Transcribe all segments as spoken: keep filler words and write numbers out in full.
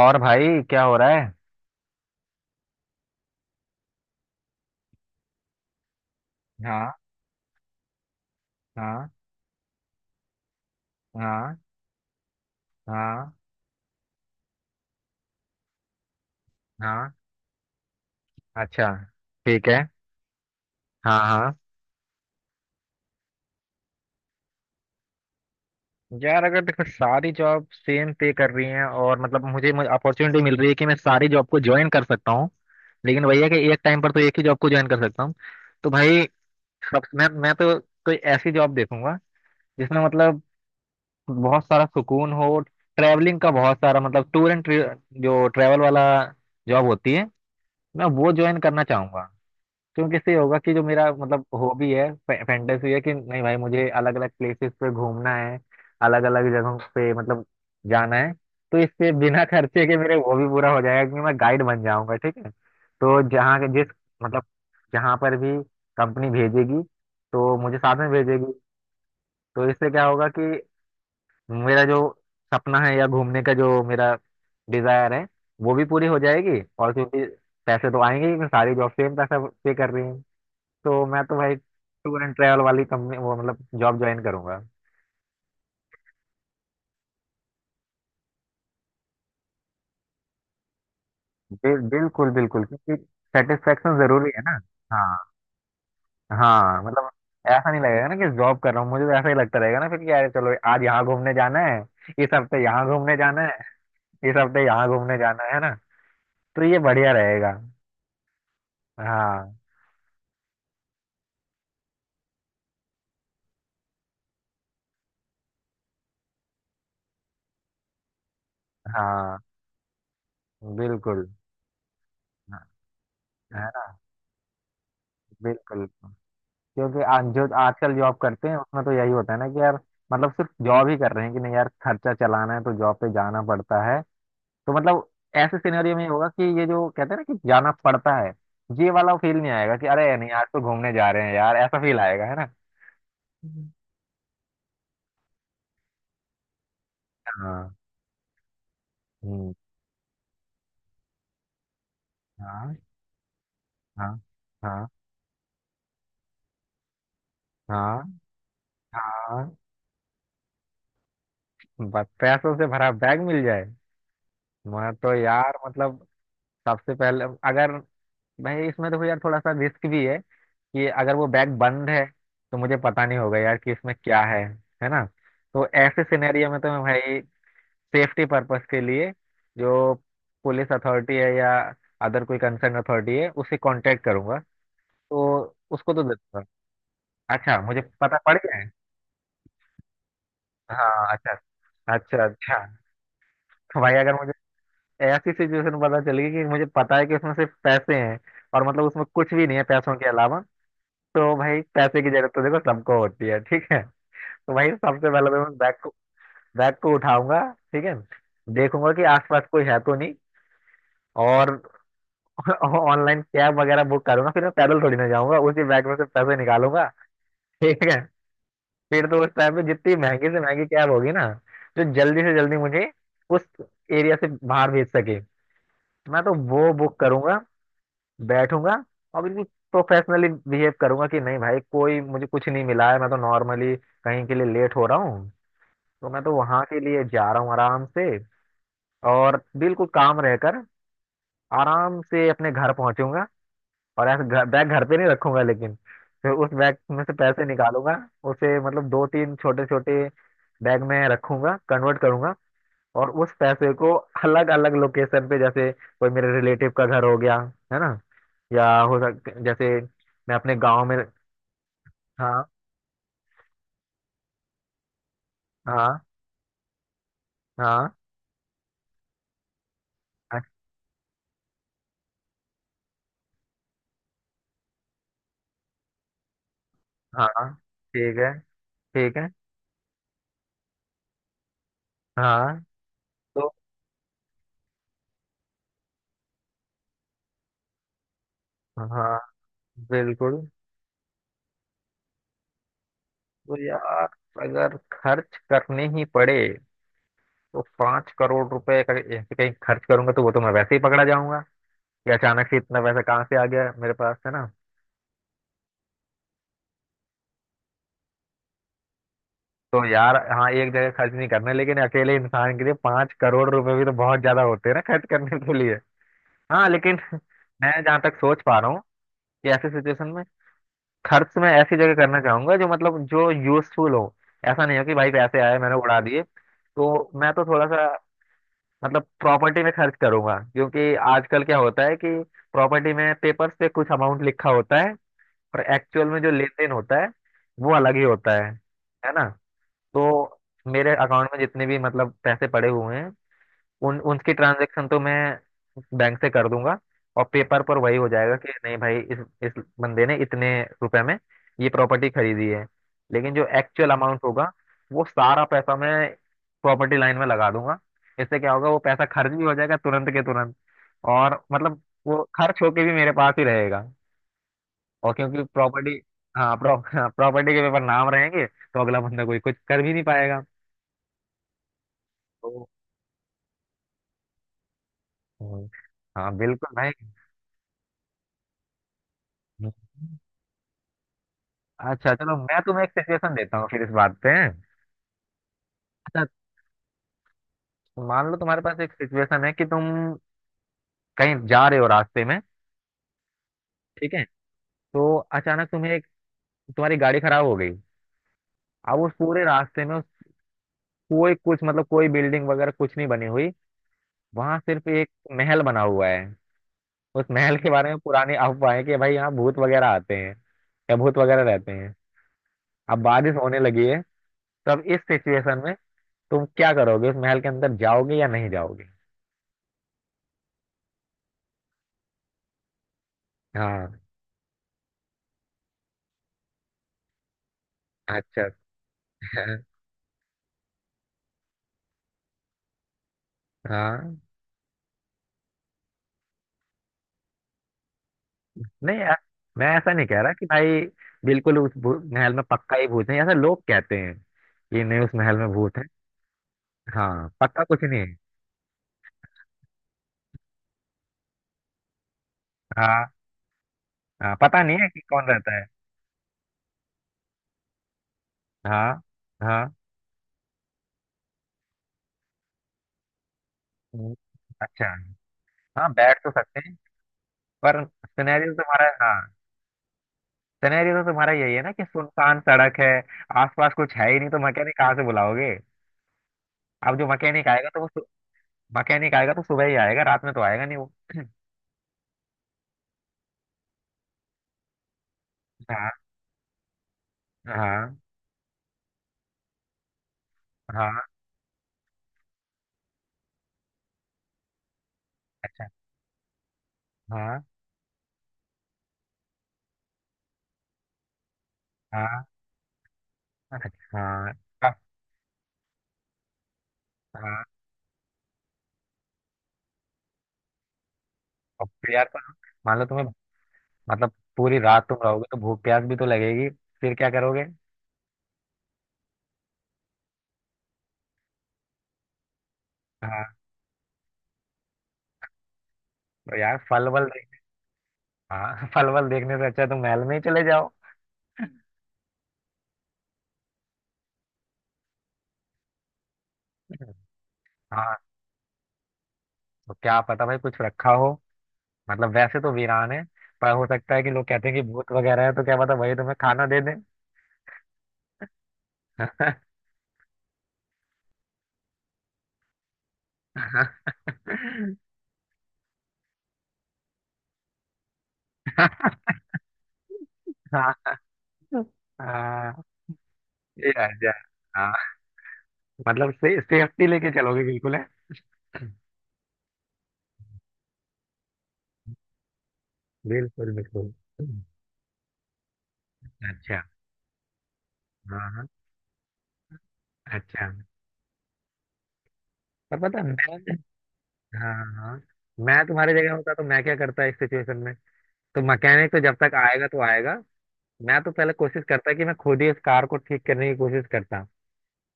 और भाई क्या हो रहा है? हाँ। हाँ। हाँ। हाँ। हाँ। अच्छा, ठीक है। हाँ हाँ। यार अगर देखो सारी जॉब सेम पे कर रही हैं, और मतलब मुझे मुझे अपॉर्चुनिटी मिल रही है कि मैं सारी जॉब को ज्वाइन कर सकता हूँ। लेकिन वही है कि एक टाइम पर तो एक ही जॉब को ज्वाइन कर सकता हूँ। तो भाई सब मैं मैं तो कोई ऐसी जॉब देखूंगा जिसमें मतलब बहुत सारा सुकून हो, ट्रैवलिंग का बहुत सारा, मतलब टूर एंड, जो ट्रैवल वाला जॉब होती है, मैं वो ज्वाइन करना चाहूंगा। क्योंकि इससे ये होगा कि जो मेरा मतलब हॉबी है, फैंटेसी है कि नहीं भाई मुझे अलग अलग प्लेसेस पे घूमना है, अलग अलग जगहों पे मतलब जाना है। तो इससे बिना खर्चे के मेरे वो भी पूरा हो जाएगा कि मैं गाइड बन जाऊंगा, ठीक है। तो जहाँ के- जिस मतलब जहाँ पर भी कंपनी भेजेगी तो मुझे साथ में भेजेगी। तो इससे क्या होगा कि मेरा जो सपना है या घूमने का जो मेरा डिजायर है, वो भी पूरी हो जाएगी। और क्योंकि पैसे तो आएंगे ही, मैं सारी जॉब सेम पैसा पे कर रही हूँ। तो मैं तो भाई टूर एंड ट्रैवल वाली कंपनी वो मतलब जॉब ज्वाइन करूंगा। बिल, बिल्कुल बिल्कुल, क्योंकि सेटिस्फेक्शन जरूरी है ना। हाँ। हाँ मतलब ऐसा नहीं लगेगा ना कि जॉब कर रहा हूँ, मुझे तो ऐसा ही लगता रहेगा ना फिर कि यार चलो आज यहाँ घूमने जाना है, इस हफ्ते यहाँ घूमने जाना है, इस हफ्ते यहाँ घूमने जाना है ना। तो ये बढ़िया रहेगा। हाँ। हाँ बिल्कुल। हाँ, है ना, बिल्कुल। क्योंकि आ, जो आजकल जॉब करते हैं उसमें तो यही होता है ना कि यार मतलब सिर्फ जॉब ही कर रहे हैं, कि नहीं यार खर्चा चलाना है तो जॉब पे जाना पड़ता है। तो मतलब ऐसे सिनेरियो में ये होगा कि ये जो कहते हैं ना कि जाना पड़ता है, ये वाला फील नहीं आएगा कि अरे नहीं आज तो घूमने जा रहे हैं यार, ऐसा फील आएगा, है ना। हम्म। हाँ। हम्म, हाँ। हाँ। हाँ। हाँ। हाँ। बस पैसों से भरा बैग मिल जाए। मैं तो यार मतलब सबसे पहले, अगर भाई इसमें देखो यार थोड़ा सा रिस्क भी है कि अगर वो बैग बंद है तो मुझे पता नहीं होगा यार कि इसमें क्या है है ना। तो ऐसे सिनेरियो में तो मैं भाई सेफ्टी पर्पस के लिए जो पुलिस अथॉरिटी है या अदर कोई कंसर्न अथॉरिटी है उससे कांटेक्ट करूंगा। तो उसको तो दे दूंगा। अच्छा, मुझे पता पड़ गया है। हाँ। अच्छा अच्छा। अच्छा तो भाई अगर मुझे ऐसी सिचुएशन पता चली कि मुझे पता है कि उसमें सिर्फ पैसे हैं और मतलब उसमें कुछ भी नहीं है पैसों के अलावा, तो भाई पैसे की जरूरत तो देखो सबको होती है, ठीक है। तो भाई सबसे पहले तो मैं बैग को बैग को उठाऊंगा, ठीक है। देखूंगा कि आसपास कोई है तो नहीं। और ऑनलाइन कैब वगैरह बुक करूंगा, फिर मैं पैदल थोड़ी ना जाऊंगा, उसी बैग में से पैसे निकालूंगा, ठीक है। फिर तो उस टाइम पे जितनी महंगी से महंगी कैब होगी ना, जो जल्दी से जल्दी मुझे उस एरिया से बाहर भेज सके, मैं तो वो बुक करूंगा, बैठूंगा, और बिल्कुल प्रोफेशनली बिहेव करूंगा कि नहीं भाई कोई मुझे कुछ नहीं मिला है, मैं तो नॉर्मली कहीं के लिए लेट हो रहा हूँ तो मैं तो वहां के लिए जा रहा हूँ आराम से। और बिल्कुल काम रहकर आराम से अपने घर पहुंचूंगा, और ऐसे घर, बैग घर पे नहीं रखूंगा लेकिन फिर उस बैग में से पैसे निकालूंगा। उसे मतलब दो तीन छोटे छोटे बैग में रखूंगा, कन्वर्ट करूंगा। और उस पैसे को अलग अलग लोकेशन पे, जैसे कोई मेरे रिलेटिव का घर हो गया, है ना, या हो सकता जैसे मैं अपने गांव में। हाँ। हाँ। हाँ। अच्छा, हाँ, ठीक है, ठीक है। हाँ। तो हाँ बिल्कुल। तो यार अगर खर्च करने ही पड़े तो पाँच करोड़ रुपए का ऐसे कहीं खर्च करूंगा तो वो तो मैं वैसे ही पकड़ा जाऊंगा कि अचानक से इतना पैसा कहाँ से आ गया मेरे पास, है ना। तो यार हाँ एक जगह खर्च नहीं करना, लेकिन अकेले इंसान के लिए पाँच करोड़ रुपए भी तो बहुत ज्यादा होते हैं ना खर्च करने के लिए। हाँ लेकिन मैं जहाँ तक सोच पा रहा हूँ कि ऐसे सिचुएशन में खर्च मैं ऐसी जगह करना चाहूंगा जो मतलब जो यूजफुल हो। ऐसा नहीं हो कि भाई पैसे आए मैंने उड़ा दिए। तो मैं तो थोड़ा सा मतलब प्रॉपर्टी में खर्च करूंगा, क्योंकि आजकल क्या होता है कि प्रॉपर्टी में पेपर्स पे कुछ अमाउंट लिखा होता है और एक्चुअल में जो लेन देन होता है वो अलग ही होता है है ना। तो मेरे अकाउंट में जितने भी मतलब पैसे पड़े हुए हैं उन उनकी ट्रांजेक्शन तो मैं बैंक से कर दूंगा, और पेपर पर वही हो जाएगा कि नहीं भाई इस इस बंदे ने इतने रुपए में ये प्रॉपर्टी खरीदी है। लेकिन जो एक्चुअल अमाउंट होगा वो सारा पैसा मैं प्रॉपर्टी लाइन में लगा दूंगा। इससे क्या होगा, वो पैसा खर्च भी हो जाएगा तुरंत के तुरंत, और मतलब वो खर्च होके भी मेरे पास ही रहेगा। और क्योंकि प्रॉपर्टी, हाँ प्रॉ, प्रॉपर्टी के पेपर नाम रहेंगे तो अगला बंदा कोई कुछ कर भी नहीं पाएगा। तो हम्म, हाँ बिल्कुल भाई। अच्छा चलो मैं तुम्हें एक सिचुएशन देता हूँ फिर इस बात पे। अच्छा, मान लो तुम्हारे पास एक सिचुएशन है कि तुम कहीं जा रहे हो रास्ते में, ठीक है। तो अचानक तुम्हें एक तुम्हारी गाड़ी खराब हो गई। अब उस पूरे रास्ते में उस- कोई कुछ मतलब कोई बिल्डिंग वगैरह कुछ नहीं बनी हुई, वहां सिर्फ एक महल बना हुआ है। उस महल के बारे में पुरानी अफवाह है कि भाई यहाँ भूत वगैरह आते हैं या भूत वगैरह रहते हैं। अब बारिश होने लगी है। तब इस सिचुएशन में तुम क्या करोगे, उस महल के अंदर जाओगे या नहीं जाओगे? हाँ। अच्छा। हाँ। नहीं यार, मैं ऐसा नहीं कह रहा कि भाई बिल्कुल उस भू- महल में पक्का ही भूत है, ऐसा लोग कहते हैं कि नहीं उस महल में भूत है। हाँ पक्का कुछ नहीं है। हाँ। हाँ पता नहीं है कि कौन रहता है। हाँ। हाँ। हम्म, अच्छा। हाँ बैठ तो सकते हैं, पर सिनेरियो तुम्हारा, हाँ, सिनेरियो तो तुम्हारा यही है ना कि सुनसान सड़क है, आसपास कुछ है ही नहीं, तो मैकेनिक कहाँ से बुलाओगे? अब जो मैकेनिक आएगा तो वो सु- मैकेनिक आएगा तो सुबह ही आएगा, रात में तो आएगा नहीं वो। हाँ। हाँ। हाँ। अच्छा। हाँ। हाँ। अच्छा। का- हाँ और फिर यार, पर मान लो तुम्हें मतलब पूरी रात तुम रहोगे तो भूख प्यास भी तो लगेगी, फिर क्या करोगे? हाँ। तो यार फल वल देख- हाँ फल वल देखने से अच्छा तुम महल में ही चले जाओ। हाँ। तो क्या पता भाई कुछ रखा हो, मतलब वैसे तो वीरान है, पर हो सकता है कि लोग कहते हैं कि भूत वगैरह है, तो क्या पता वही तुम्हें खाना दे दें। हाँ। हाँ। यार यार हाँ, मतलब से, सेफ्टी लेके चलोगे बिल्कुल है। बिल्कुल बिल्कुल। अच्छा। हाँ हाँ। अच्छा। पर पता है, मैं, हाँ हाँ, मैं तुम्हारी जगह होता तो मैं क्या करता इस सिचुएशन में। तो मैकेनिक तो जब तक आएगा तो आएगा, मैं तो पहले कोशिश करता कि मैं खुद ही इस कार को ठीक करने की कोशिश करता,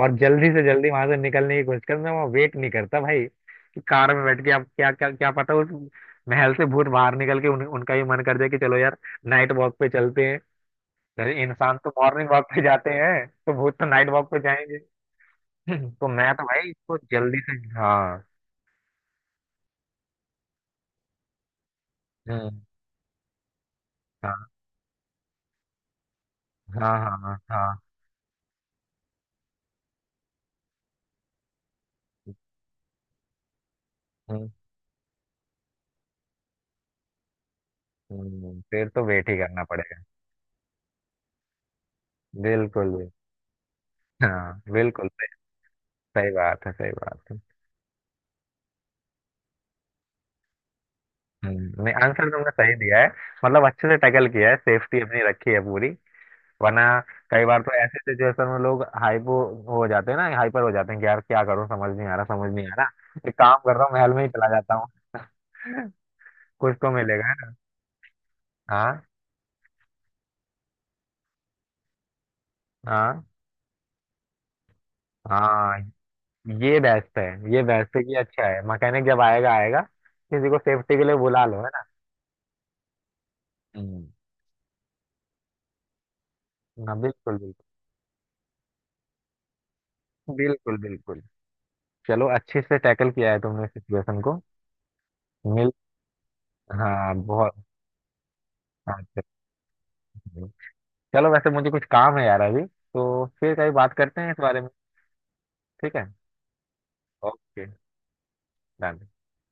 और जल्दी से जल्दी वहां से निकलने की कोशिश करता। मैं वहाँ वेट नहीं करता भाई कि कार में बैठ के आप क्या, क्या क्या पता उस महल से भूत बाहर निकल के उन, उनका ही मन कर जाए कि चलो यार नाइट वॉक पे चलते हैं। अरे इंसान तो मॉर्निंग वॉक पे जाते हैं तो भूत तो नाइट वॉक पे जाएंगे। तो मैं तो भाई इसको जल्दी से, हाँ। हम्म। हाँ। हाँ। हाँ। हाँ। हम्म, हम्म, हम्म। फिर तो वेट ही करना पड़ेगा। बिल्कुल भी। हाँ बिल्कुल। सही बात है सही बात है। हम्म, नहीं आंसर तुमने सही दिया है, मतलब अच्छे से टैकल किया है, सेफ्टी अपनी रखी है पूरी। वरना कई बार तो ऐसे सिचुएशन में लोग हाइपो हो जाते हैं ना, हाइपर हो जाते हैं कि यार क्या करूं, समझ नहीं आ रहा, समझ नहीं आ रहा, एक काम कर रहा हूँ महल में ही चला जाता हूँ, कुछ तो मिलेगा, है ना? हाँ। हाँ। हाँ। ये बेस्ट है, ये बेस्ट है कि अच्छा है, मैकेनिक जब आएगा आएगा, किसी को सेफ्टी के लिए बुला लो, है ना। हम्म। हाँ बिल्कुल बिल्कुल। बिल्कुल बिल्कुल। चलो अच्छे से टैकल किया है तुमने सिचुएशन को। मिल, हाँ बहुत। हाँ, अच्छा, चलो, चलो, वैसे मुझे कुछ काम है यार अभी, तो फिर कहीं बात करते हैं इस बारे में, ठीक है। Okay done.